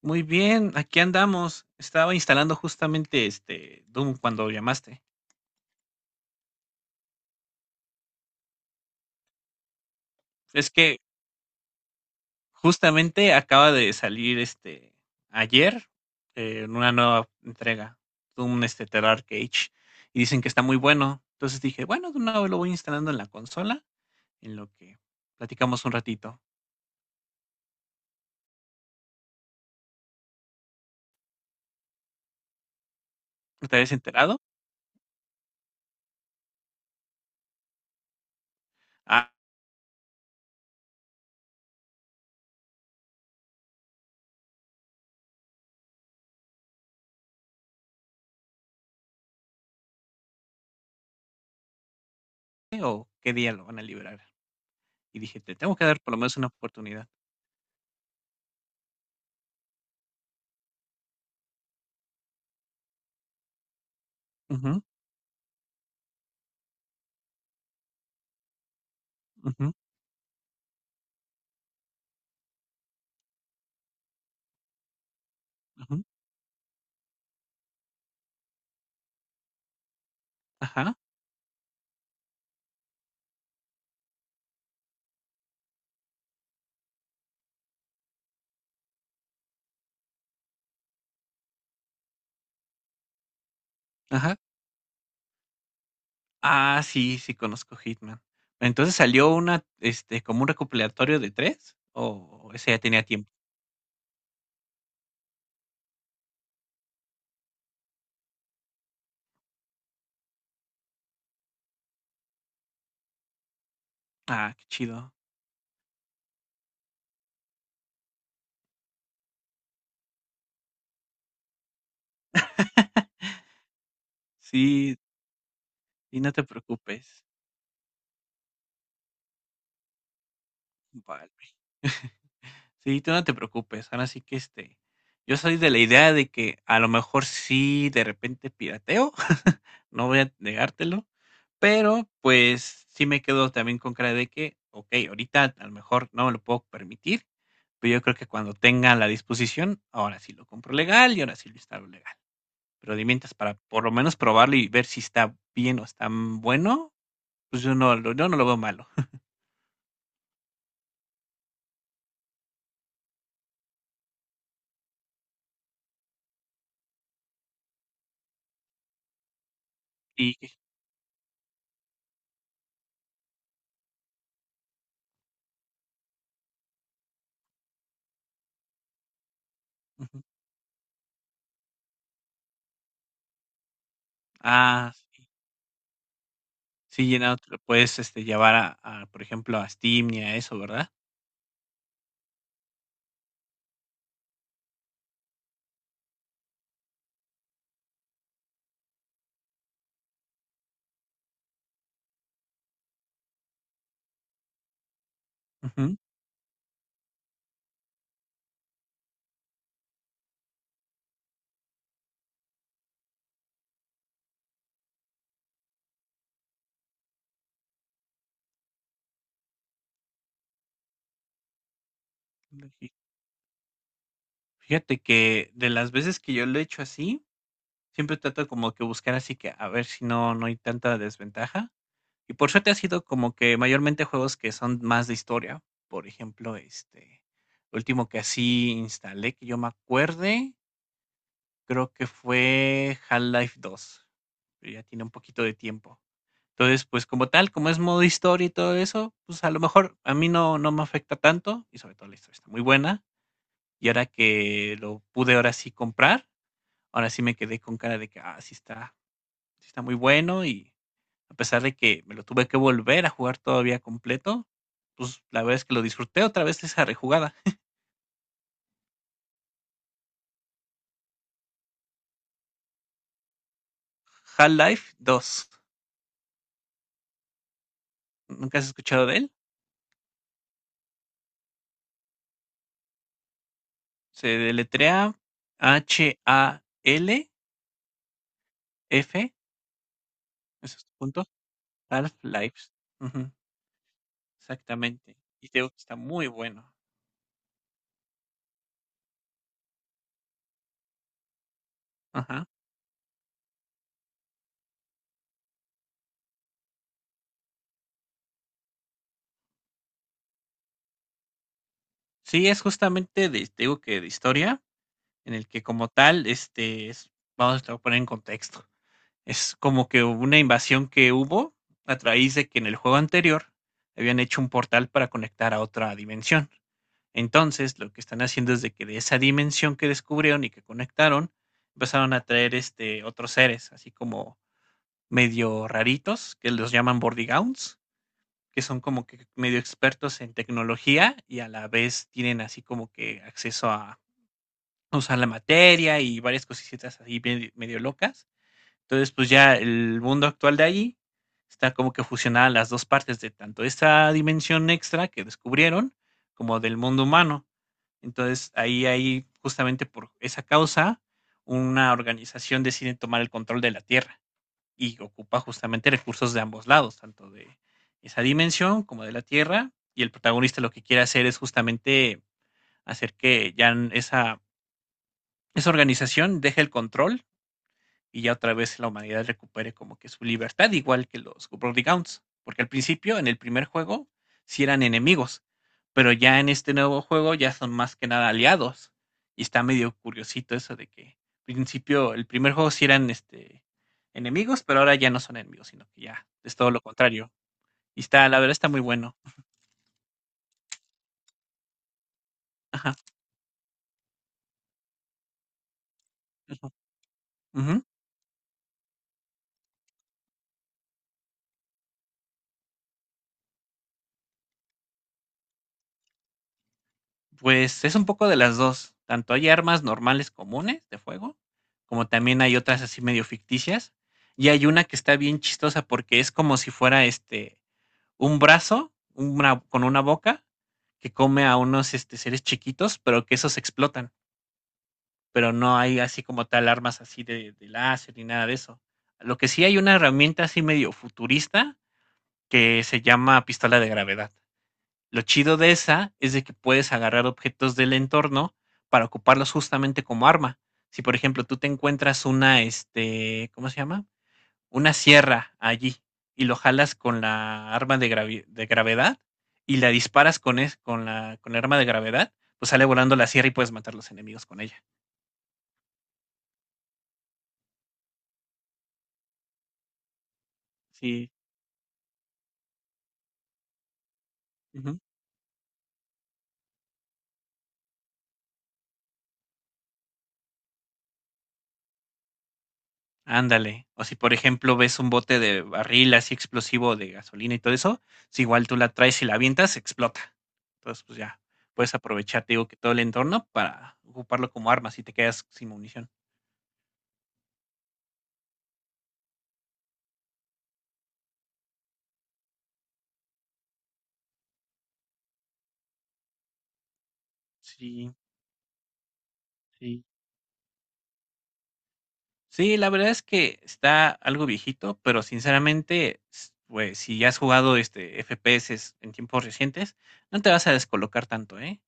Muy bien, aquí andamos. Estaba instalando justamente este Doom cuando llamaste. Es que justamente acaba de salir ayer una nueva entrega, Doom Terrar Cage, y dicen que está muy bueno. Entonces dije, bueno, de una vez lo voy instalando en la consola, en lo que platicamos un ratito. ¿No te habías enterado? Ah, o qué día lo van a liberar. Y dije, te tengo que dar por lo menos una oportunidad. Ujú, ujú, ujú, ajá, ajá. Ah, sí, sí conozco Hitman. Entonces, ¿salió una, como un recopilatorio de 3 o ese ya tenía tiempo? Ah, qué chido. Sí, y no te preocupes. Vale. Sí, tú no te preocupes. Ahora sí que yo soy de la idea de que a lo mejor sí de repente pirateo, no voy a negártelo, pero pues sí me quedo también con cara de que, ok, ahorita a lo mejor no me lo puedo permitir, pero yo creo que cuando tenga la disposición, ahora sí lo compro legal y ahora sí lo instalo legal. Pero de mientras para por lo menos probarlo y ver si está bien o está bueno, pues yo no lo veo malo. Y, ujú. Ah, sí, llenado te lo puedes, llevar a, por ejemplo, a Steam y a eso, ¿verdad? Ujú. Fi fíjate que de las veces que yo lo he hecho así, siempre trato como que buscar así que a ver si no no hay tanta desventaja. Y por suerte ha sido como que mayormente juegos que son más de historia. Por ejemplo, último que así instalé, que yo me acuerde, creo que fue Half-Life dos, pero ya tiene un poquito de tiempo. Entonces, pues, como tal, como es modo historia y todo eso, pues, a lo mejor a mí no no me afecta tanto, y sobre todo la historia está muy buena. Y ahora que lo pude ahora sí comprar, ahora sí me quedé con cara de que, ah, sí está muy bueno, y a pesar de que me lo tuve que volver a jugar todavía completo, pues, la verdad es que lo disfruté otra vez esa rejugada. Half-Life dos, ¿nunca has escuchado de él? Se deletrea Half, eso es punto, Half-Life. Exactamente. Y te digo que está muy bueno. Ajá. Sí, es justamente de, te digo que de historia, en el que como tal, vamos a poner en contexto. Es como que hubo una invasión que hubo a través de que en el juego anterior habían hecho un portal para conectar a otra dimensión. Entonces, lo que están haciendo es de que de esa dimensión que descubrieron y que conectaron, empezaron a traer otros seres, así como medio raritos, que los llaman Bordigauns que son como que medio expertos en tecnología y a la vez tienen así como que acceso a usar la materia y varias cositas así medio locas. Entonces, pues ya el mundo actual de allí está como que fusionada las dos partes de tanto esta dimensión extra que descubrieron como del mundo humano. Entonces, ahí hay justamente por esa causa una organización decide tomar el control de la Tierra y ocupa justamente recursos de ambos lados, tanto de esa dimensión como de la Tierra. Y el protagonista lo que quiere hacer es justamente hacer que ya esa organización deje el control y ya otra vez la humanidad recupere como que su libertad, igual que los Brodigounds. Porque al principio, en el primer juego, sí eran enemigos, pero ya en este nuevo juego ya son más que nada aliados. Y está medio curiosito eso de que al principio, el primer juego sí eran enemigos, pero ahora ya no son enemigos, sino que ya es todo lo contrario. Y está, la verdad está muy bueno. Ajá. Ujú, ujú. Pues es un poco de las 2. Tanto hay armas normales comunes de fuego, como también hay otras así medio ficticias, y hay una que está bien chistosa porque es como si fuera, un brazo, una con una boca que come a unos, seres chiquitos, pero que esos explotan, pero no hay así como tal armas así de láser ni nada de eso. Lo que sí hay una herramienta así medio futurista que se llama pistola de gravedad. Lo chido de esa es de que puedes agarrar objetos del entorno para ocuparlos justamente como arma. Si, por ejemplo, tú te encuentras ¿cómo se llama? Una sierra allí y lo jalas con la arma de gravedad y la disparas con, es- con, la, con el arma de gravedad, pues sale volando la sierra y puedes matar los enemigos con ella. Sí. Ándale. O si, por ejemplo, ves un bote de barril así explosivo de gasolina y todo eso, si igual tú la traes y la avientas, explota. Entonces, pues ya, puedes aprovechar, te digo, que todo el entorno para ocuparlo como arma si te quedas sin munición. Sí, sí. Sí, la verdad es que está algo viejito, pero sinceramente, pues si ya has jugado este FPS en tiempos recientes, no te vas a descolocar tanto, ¿eh?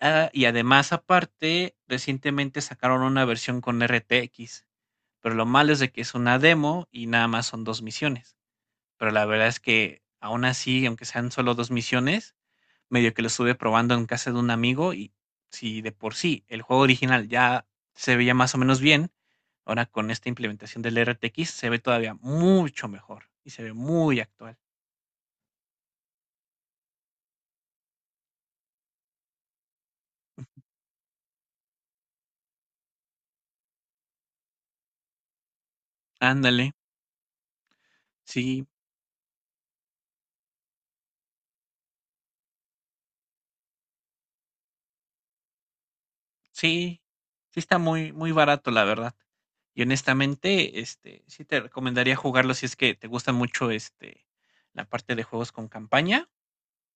Ah, y además, aparte, recientemente sacaron una versión con RTX. Pero lo malo es de que es una demo y nada más son dos misiones. Pero la verdad es que aún así, aunque sean solo dos misiones, medio que lo estuve probando en casa de un amigo y si de por sí el juego original ya se veía más o menos bien, ahora con esta implementación del RTX se ve todavía mucho mejor y se ve muy actual. Ándale, sí. Sí, sí está muy, muy barato, la verdad. Y honestamente, sí te recomendaría jugarlo si es que te gusta mucho la parte de juegos con campaña.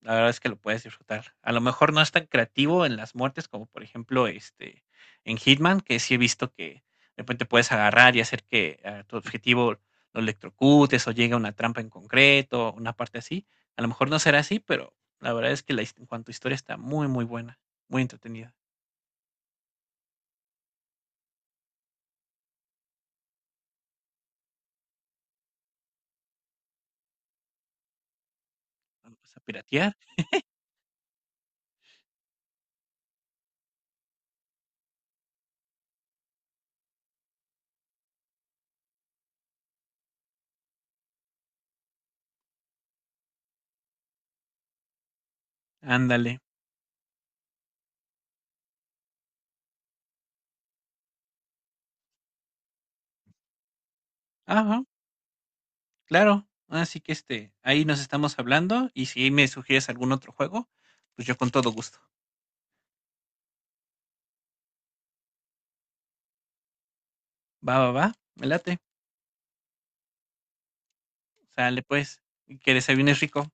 La verdad es que lo puedes disfrutar. A lo mejor no es tan creativo en las muertes como por ejemplo en Hitman, que sí he visto que de repente puedes agarrar y hacer que a tu objetivo lo electrocutes o llegue a una trampa en concreto, una parte así. A lo mejor no será así, pero la verdad es que en cuanto a historia está muy, muy buena, muy entretenida. Vamos a piratear. Ándale. Ajá, claro. Así que, ahí nos estamos hablando y si me sugieres algún otro juego, pues yo con todo gusto. Va, va, va, me late. Sale pues, y que desayunes rico.